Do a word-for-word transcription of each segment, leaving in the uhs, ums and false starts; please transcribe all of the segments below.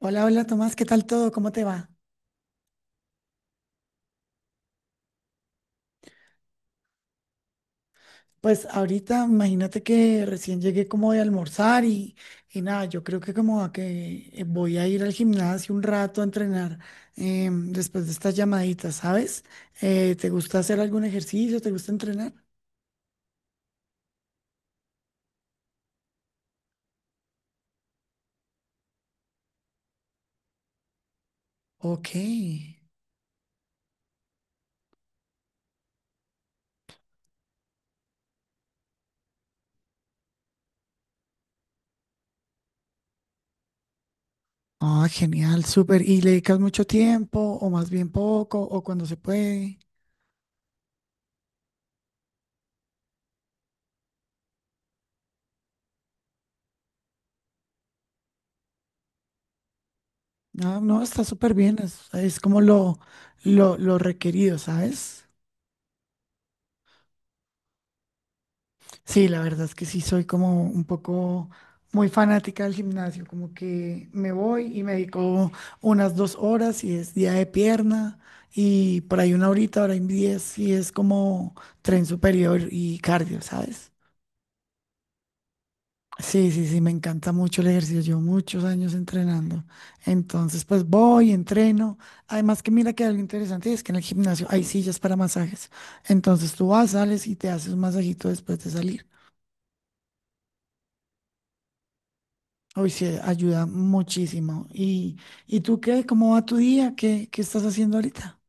Hola, hola Tomás, ¿qué tal todo? ¿Cómo te va? Pues ahorita imagínate que recién llegué como de almorzar y, y nada, yo creo que como a que eh, voy a ir al gimnasio un rato a entrenar em, después de estas llamaditas, ¿sabes? Eh, ¿te gusta hacer algún ejercicio? ¿Te gusta entrenar? Ok. Ah, genial, súper. ¿Y le dedicas mucho tiempo o más bien poco o cuando se puede? No, no, está súper bien, es, es como lo, lo, lo requerido, ¿sabes? Sí, la verdad es que sí soy como un poco muy fanática del gimnasio, como que me voy y me dedico unas dos horas y es día de pierna y por ahí una horita, hora y diez y es como tren superior y cardio, ¿sabes? Sí, sí, sí, me encanta mucho el ejercicio, llevo muchos años entrenando, entonces pues voy, entreno, además que mira que algo interesante es que en el gimnasio hay sillas para masajes, entonces tú vas, sales y te haces un masajito después de salir. Hoy sí, ayuda muchísimo. ¿Y, y tú qué? ¿Cómo va tu día? ¿Qué, qué estás haciendo ahorita?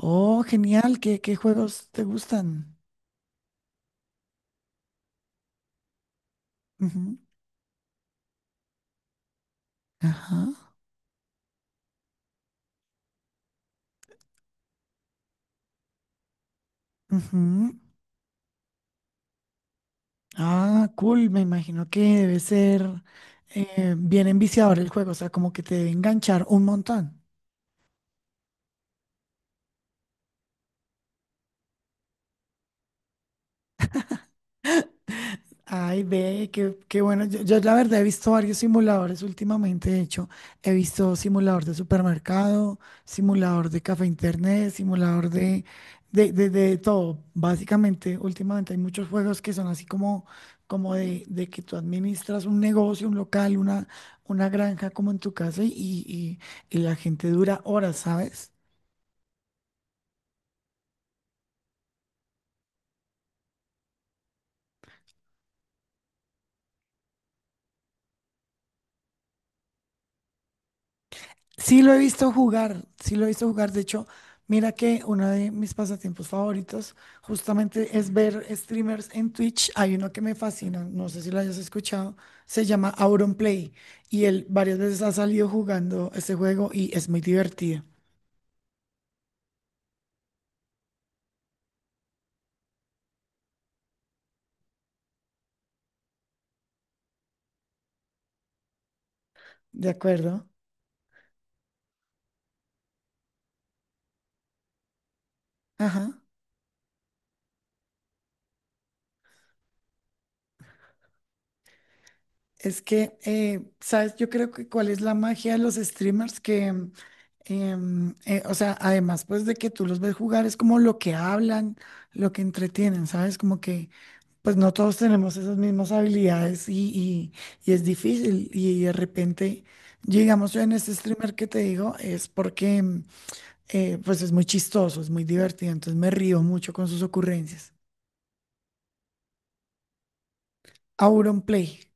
Oh, genial. ¿Qué, qué juegos te gustan? Ujú. Ajá. Ujú. Ah, cool. Me imagino que debe ser eh, bien enviciador el juego, o sea, como que te debe enganchar un montón. Ay, ve, qué, qué bueno. Yo, yo la verdad he visto varios simuladores últimamente. De hecho, he visto simulador de supermercado, simulador de café internet, simulador de, de, de, de todo. Básicamente, últimamente hay muchos juegos que son así como, como de, de que tú administras un negocio, un local, una, una granja como en tu casa y, y, y la gente dura horas, ¿sabes? Sí lo he visto jugar, sí lo he visto jugar. De hecho, mira que uno de mis pasatiempos favoritos justamente es ver streamers en Twitch. Hay uno que me fascina, no sé si lo hayas escuchado, se llama Auronplay y él varias veces ha salido jugando este juego y es muy divertido. ¿De acuerdo? Ajá. Es que, eh, ¿sabes? Yo creo que cuál es la magia de los streamers que, em, em, eh, o sea, además pues de que tú los ves jugar, es como lo que hablan, lo que entretienen, ¿sabes? Como que pues no todos tenemos esas mismas habilidades y, y- y es difícil. Y de repente, digamos, yo en este streamer que te digo, es porque mm, eh, pues es muy chistoso, es muy divertido, entonces me río mucho con sus ocurrencias. Auron Play.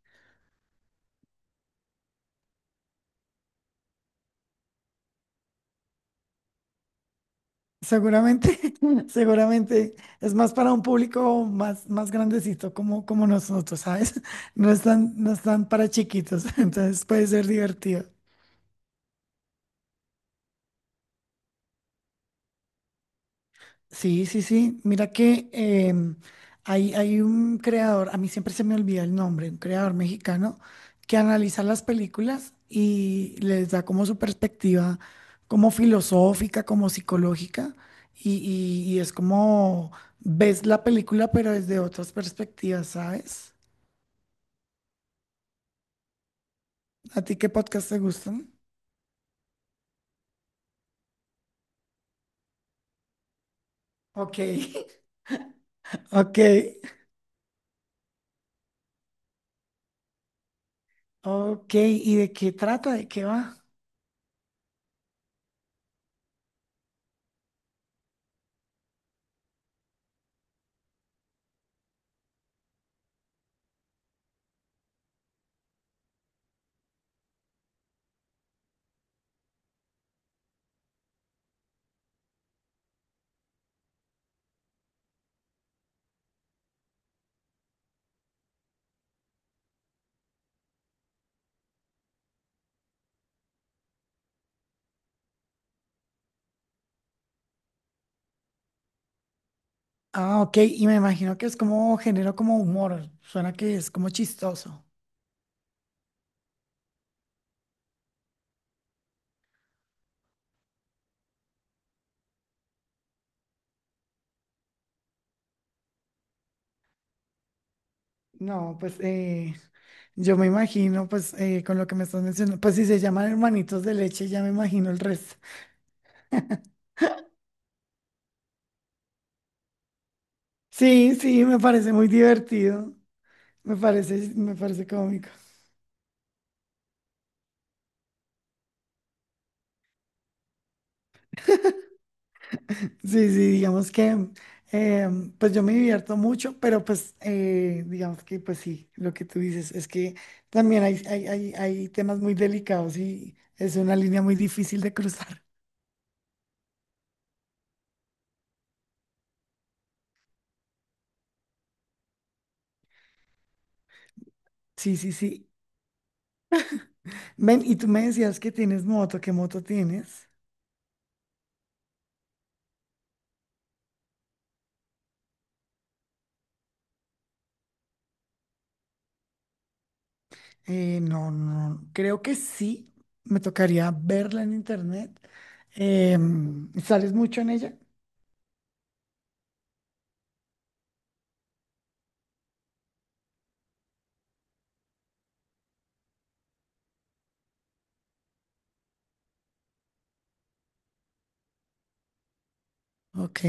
Seguramente, seguramente es más para un público más, más grandecito como, como nosotros, ¿sabes? No están, no están para chiquitos, entonces puede ser divertido. Sí, sí, sí. Mira que em, hay, hay un creador, a mí siempre se me olvida el nombre, un creador mexicano que analiza las películas y les da como su perspectiva, como filosófica, como psicológica, y, y- y es como ves la película pero desde otras perspectivas, ¿sabes? ¿A ti qué podcast te gustan? Ok, ok, ok. ¿Y de qué trata? ¿De qué va? Ah, ok, y me imagino que es como género como humor, suena que es como chistoso. No, pues eh, yo me imagino, pues eh, con lo que me estás mencionando, pues si se llaman hermanitos de leche, ya me imagino el resto. Sí, sí, me parece muy divertido, me parece, me parece cómico. Sí, sí, digamos que eh, pues yo me divierto mucho, pero pues eh, digamos que pues sí, lo que tú dices es que también hay, hay, hay, hay temas muy delicados y es una línea muy difícil de cruzar. Sí, sí, sí. Ven, y tú me decías que tienes moto, ¿qué moto tienes? Eh, no, no, creo que sí, me tocaría verla en internet. Em, ¿sales mucho en ella? Ok.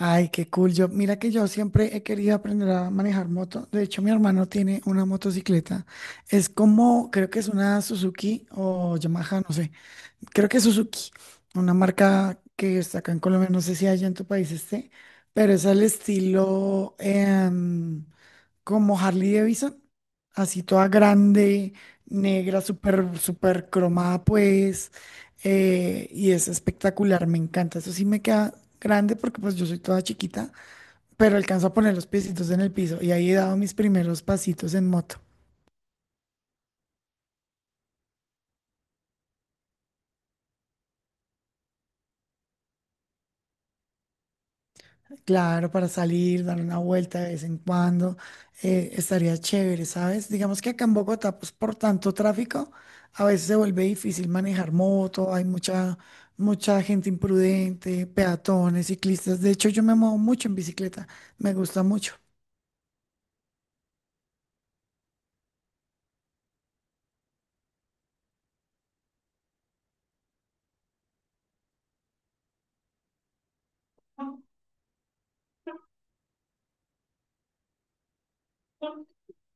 Ay, qué cool. Yo, mira que yo siempre he querido aprender a manejar moto. De hecho, mi hermano tiene una motocicleta. Es como, creo que es una Suzuki o Yamaha, no sé. Creo que es Suzuki, una marca que está acá en Colombia. No sé si allá en tu país esté, pero es al estilo em, como Harley Davidson, así toda grande, negra, súper, súper cromada, pues, eh, y es espectacular, me encanta. Eso sí me queda grande porque pues yo soy toda chiquita, pero alcanzo a poner los piecitos en el piso y ahí he dado mis primeros pasitos en moto. Claro, para salir, dar una vuelta de vez en cuando, eh, estaría chévere, ¿sabes? Digamos que acá en Bogotá, pues por tanto tráfico, a veces se vuelve difícil manejar moto, hay mucha, mucha gente imprudente, peatones, ciclistas. De hecho, yo me muevo mucho en bicicleta, me gusta mucho.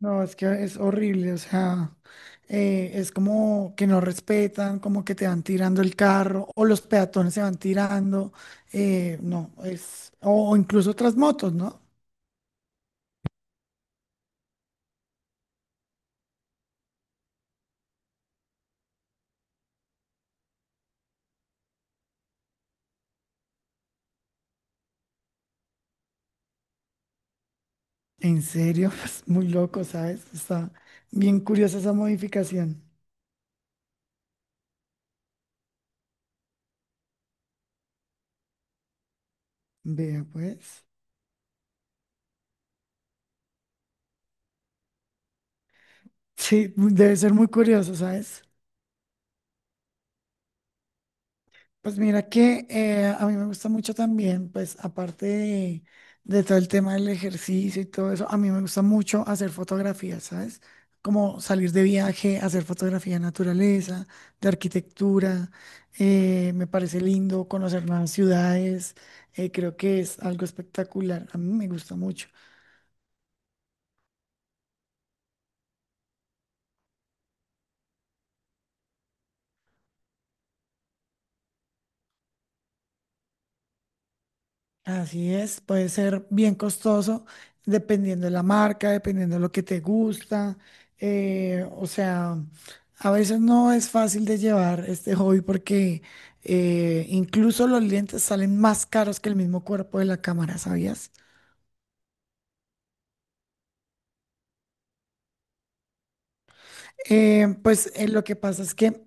No, es que es horrible, o sea, eh, es como que no respetan, como que te van tirando el carro, o los peatones se van tirando, eh, no, es, o o incluso otras motos, ¿no? En serio, pues muy loco, ¿sabes? Está bien curiosa esa modificación. Vea, pues. Sí, mu- debe ser muy curioso, ¿sabes? Pues mira que eh, a mí me gusta mucho también, pues aparte de, de todo el tema del ejercicio y todo eso, a mí me gusta mucho hacer fotografías, ¿sabes? Como salir de viaje, hacer fotografía de naturaleza, de arquitectura, eh, me parece lindo conocer nuevas ciudades, eh, creo que es algo espectacular, a mí me gusta mucho. Así es, puede ser bien costoso dependiendo de la marca, dependiendo de lo que te gusta. eh, o sea, a veces no es fácil de llevar este hobby porque eh, incluso los lentes salen más caros que el mismo cuerpo de la cámara, ¿sabías? Eh, pues eh, lo que pasa es que,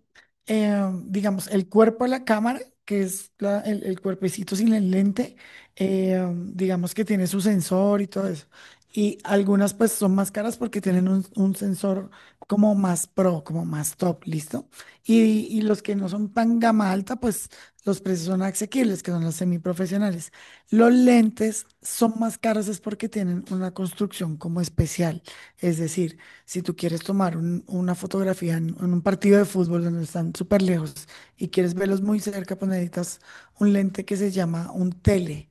eh, digamos, el cuerpo de la cámara, que es la- el, el cuerpecito sin el lente, eh, digamos que tiene su sensor y todo eso. Y algunas pues son más caras porque tienen un, un sensor como más pro, como más top, ¿listo? Y, y los que no son tan gama alta, pues los precios son asequibles, que son los semiprofesionales. Los lentes son más caros es porque tienen una construcción como especial. Es decir, si tú quieres tomar un- una fotografía en, en un partido de fútbol donde están súper lejos y quieres verlos muy cerca, pues necesitas un lente que se llama un tele.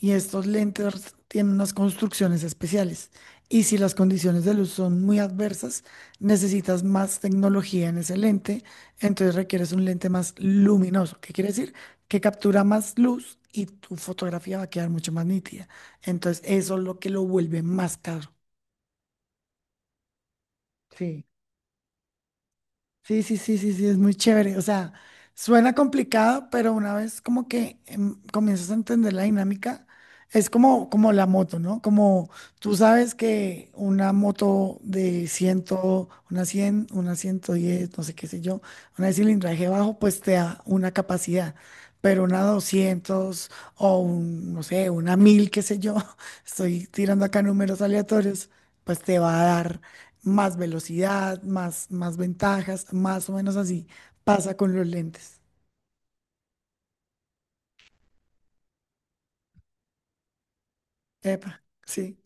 Y estos lentes tienen unas construcciones especiales. Y si las condiciones de luz son muy adversas, necesitas más tecnología en ese lente. Entonces requieres un lente más luminoso. ¿Qué quiere decir? Que captura más luz y tu fotografía va a quedar mucho más nítida. Entonces eso es lo que lo vuelve más caro. Sí. Sí, sí, sí, sí, sí, es muy chévere. O sea, suena complicado, pero una vez como que em, comienzas a entender la dinámica, es como, como la moto, ¿no? Como tú sabes que una moto de cien, una cien una ciento diez no sé qué sé yo, una de cilindraje bajo, pues te da una capacidad, pero una doscientos o un, no sé, una mil qué sé yo, estoy tirando acá números aleatorios, pues te va a dar más velocidad, más, más ventajas, más o menos así pasa con los lentes. Epa, sí,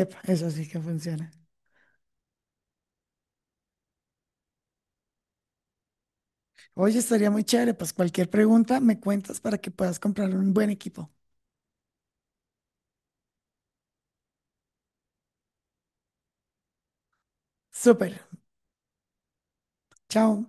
epa, eso sí que funciona. Oye, estaría muy chévere, pues cualquier pregunta me cuentas para que puedas comprar un buen equipo. Súper, chao.